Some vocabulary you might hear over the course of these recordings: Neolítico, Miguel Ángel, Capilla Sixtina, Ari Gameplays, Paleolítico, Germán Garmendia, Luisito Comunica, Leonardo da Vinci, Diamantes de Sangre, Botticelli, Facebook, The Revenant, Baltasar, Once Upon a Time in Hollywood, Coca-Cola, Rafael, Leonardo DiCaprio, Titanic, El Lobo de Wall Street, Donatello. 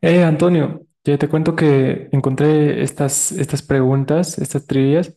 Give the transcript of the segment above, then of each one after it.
Antonio, ya te cuento que encontré estas preguntas, estas trivias,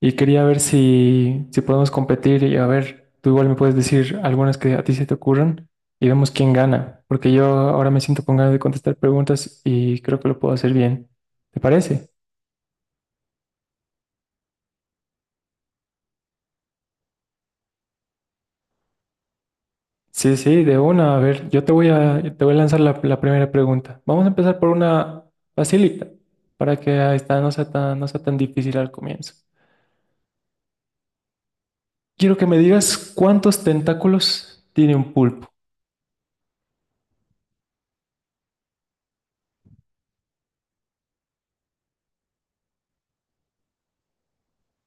y quería ver si podemos competir y a ver, tú igual me puedes decir algunas que a ti se te ocurran y vemos quién gana, porque yo ahora me siento con ganas de contestar preguntas y creo que lo puedo hacer bien. ¿Te parece? Sí, sí, de una. A ver, yo te voy a lanzar la primera pregunta. Vamos a empezar por una facilita, para que esta no sea no sea tan difícil al comienzo. Quiero que me digas cuántos tentáculos tiene un pulpo.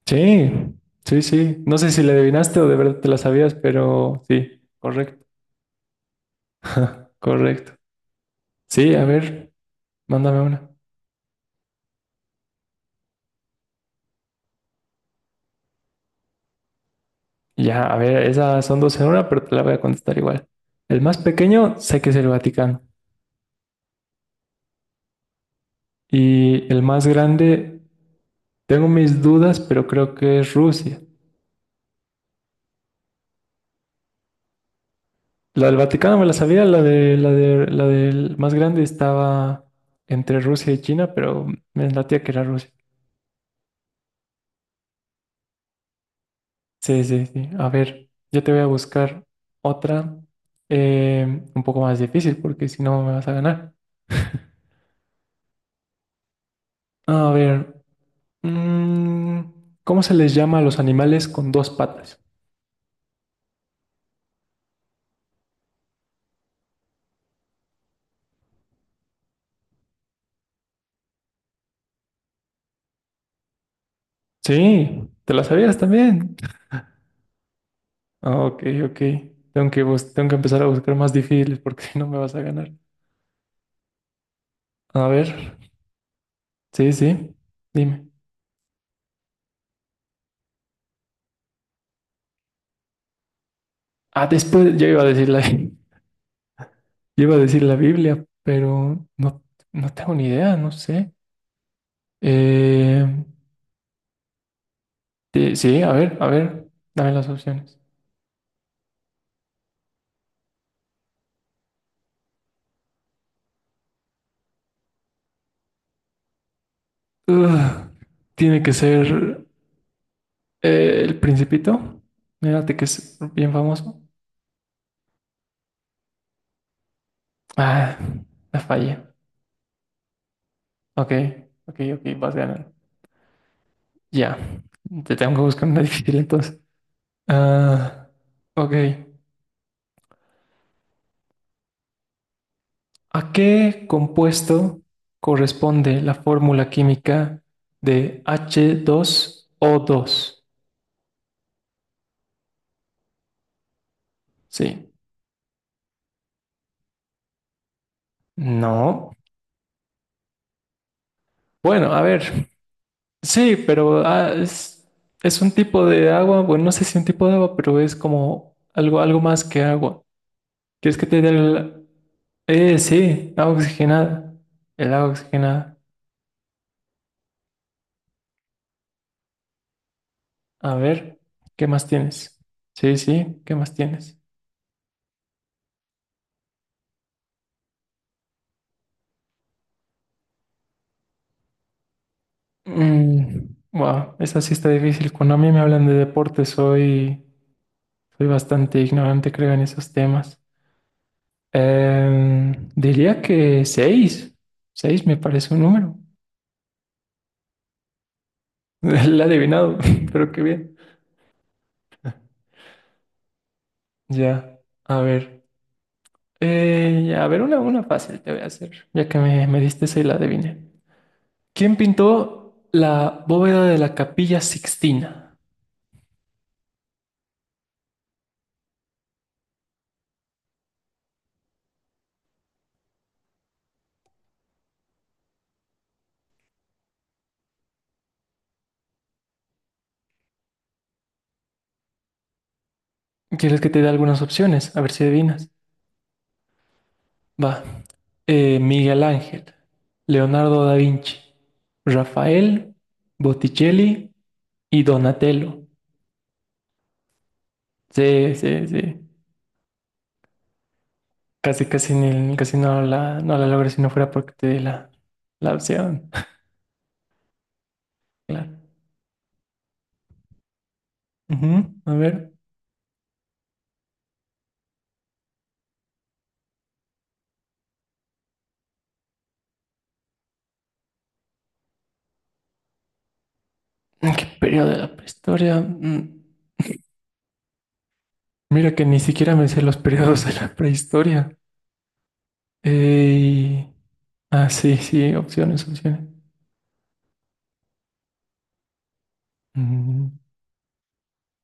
Sí, sí, sí. No sé si le adivinaste o de verdad te la sabías, pero sí, correcto. Correcto. Sí, a ver, mándame una. Ya, a ver, esas son dos en una, pero te la voy a contestar igual. El más pequeño sé que es el Vaticano. Y el más grande, tengo mis dudas, pero creo que es Rusia. La del Vaticano me la sabía, la del más grande estaba entre Rusia y China, pero me latía que era Rusia. Sí, sí, sí. A ver, yo te voy a buscar otra un poco más difícil porque si no me vas a ganar. A ver, mm, ¿cómo se les llama a los animales con dos patas? Sí, te la sabías también. Ah, ok, ok. Tengo que, tengo que empezar a buscar más difíciles porque si no me vas a ganar. A ver, sí, sí, dime. Ah, después yo iba a decir la, yo iba a decir la Biblia, pero no, no tengo ni idea, no sé. Eh, Sí, sí, a ver, dame las opciones. Ugh, tiene que ser El Principito. Mírate que es bien famoso. Ah, la fallé. Ok, ok, ok, vas ganando. Ya, te tengo que buscar una difícil entonces. Ah, ok. ¿A qué compuesto corresponde la fórmula química de H2O2? Sí. No. Bueno, a ver. Sí, pero es un tipo de agua, bueno, no sé si un tipo de agua, pero es como algo más que agua. ¿Quieres que te dé el... sí, agua oxigenada. El agua oxigenada. A ver, ¿qué más tienes? Sí, sí, ¿qué más tienes? Mm, wow, esa sí está difícil. Cuando a mí me hablan de deporte, soy bastante ignorante, creo, en esos temas. Diría que seis. Seis me parece un número. La he adivinado, pero qué bien. Ya, a ver. Ya, a ver, una fácil te voy a hacer, ya que me diste esa y la adiviné. ¿Quién pintó la bóveda de la Capilla Sixtina? ¿Quieres que te dé algunas opciones? A ver si adivinas. Va. Miguel Ángel, Leonardo da Vinci, Rafael, Botticelli y Donatello. Sí, sí, sí. Casi, casi, casi no la logré si no fuera porque te di la, la opción. Claro. Ujú, a ver. ¿En ¿Qué periodo de la prehistoria? Mm, mira que ni siquiera me sé los periodos de la prehistoria. Eh, Ah, sí, sí, opciones, opciones. Mm,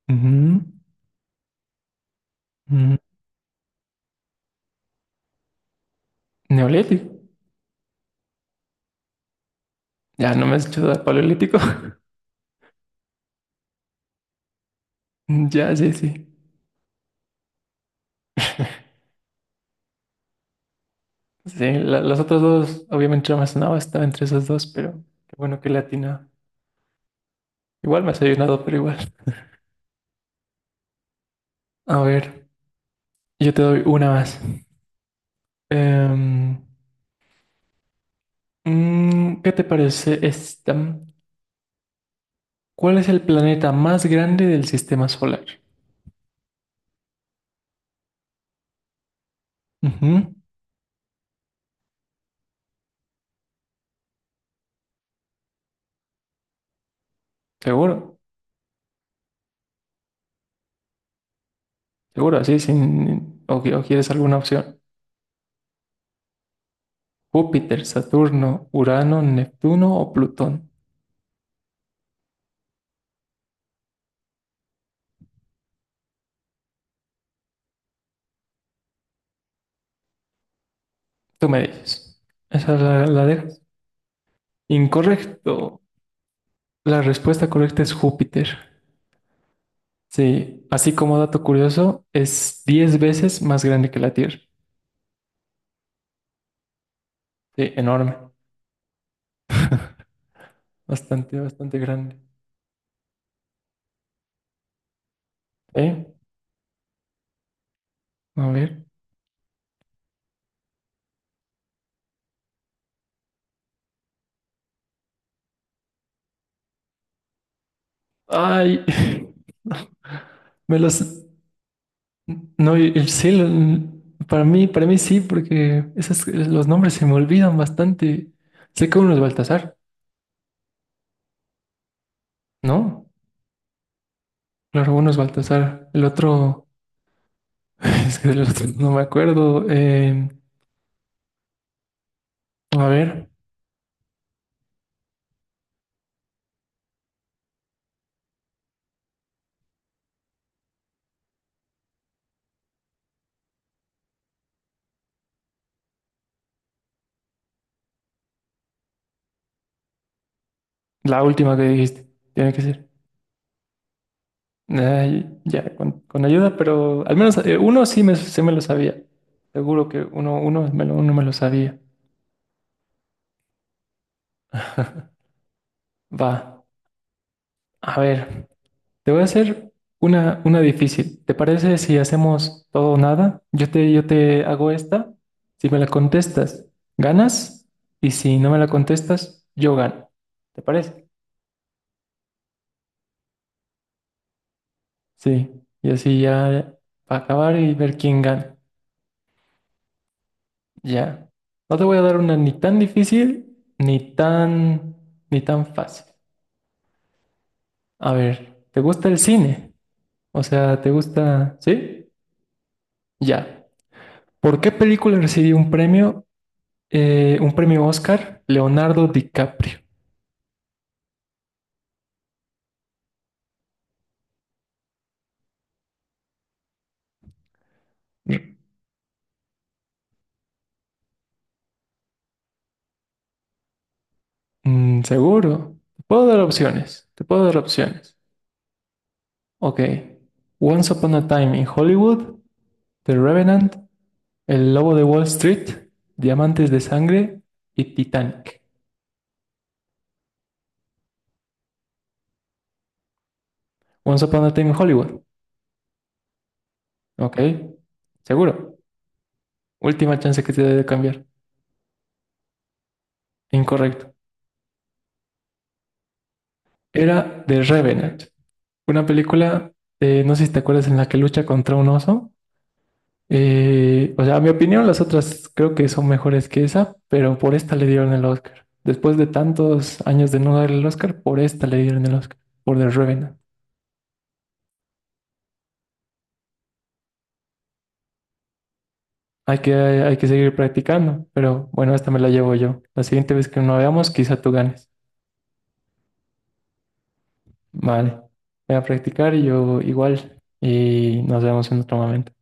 ujú, mm, Neolítico. Ya, no me has hecho dar paleolítico. Ya, sí, sí. Sí, las otras dos, obviamente no me sonaba, estaba entre esas dos, pero qué bueno que latina. Igual me has ayudado, pero igual. A ver, yo te doy una más. Em, ¿Qué te parece esta? ¿Cuál es el planeta más grande del sistema solar? Ujú, seguro, seguro, así sin... O, o quieres alguna opción. Júpiter, Saturno, Urano, Neptuno o Plutón. Tú me dices. Esa la dejas. Incorrecto. La respuesta correcta es Júpiter. Sí, así como dato curioso, es 10 veces más grande que la Tierra. Sí, enorme. Bastante, bastante grande. ¿Eh? A ver. Ay, me los... No, y sí, para mí sí, porque esos, los nombres se me olvidan bastante. Sé que uno es Baltasar, ¿no? Claro, uno es Baltasar. El otro, es que del otro no me acuerdo. A ver, la última que dijiste, tiene que ser. Ay, ya, con ayuda, pero al menos uno sí se me lo sabía. Seguro que uno me lo sabía. Va, a ver. Te voy a hacer una difícil. ¿Te parece si hacemos todo o nada? Yo te hago esta. Si me la contestas, ganas. Y si no me la contestas, yo gano. ¿Te parece? Sí. Y así ya para acabar y ver quién gana. Ya. No te voy a dar una ni tan difícil, ni tan fácil. A ver, ¿te gusta el cine? O sea, ¿te gusta? ¿Sí? Ya. ¿Por qué película recibió un premio? Un premio Oscar, Leonardo DiCaprio. Mm, seguro. Te puedo dar opciones. Te puedo dar opciones. Ok. Once Upon a Time in Hollywood, The Revenant, El Lobo de Wall Street, Diamantes de Sangre y Titanic. Once Upon a Time in Hollywood. Ok. Seguro. Última chance que te doy de cambiar. Incorrecto. Era The Revenant. Una película, no sé si te acuerdas, en la que lucha contra un oso. O sea, a mi opinión, las otras creo que son mejores que esa, pero por esta le dieron el Oscar. Después de tantos años de no darle el Oscar, por esta le dieron el Oscar, por The Revenant. Hay que seguir practicando, pero bueno, esta me la llevo yo. La siguiente vez que nos veamos, quizá tú ganes. Vale, voy a practicar y yo igual, y nos vemos en otro momento.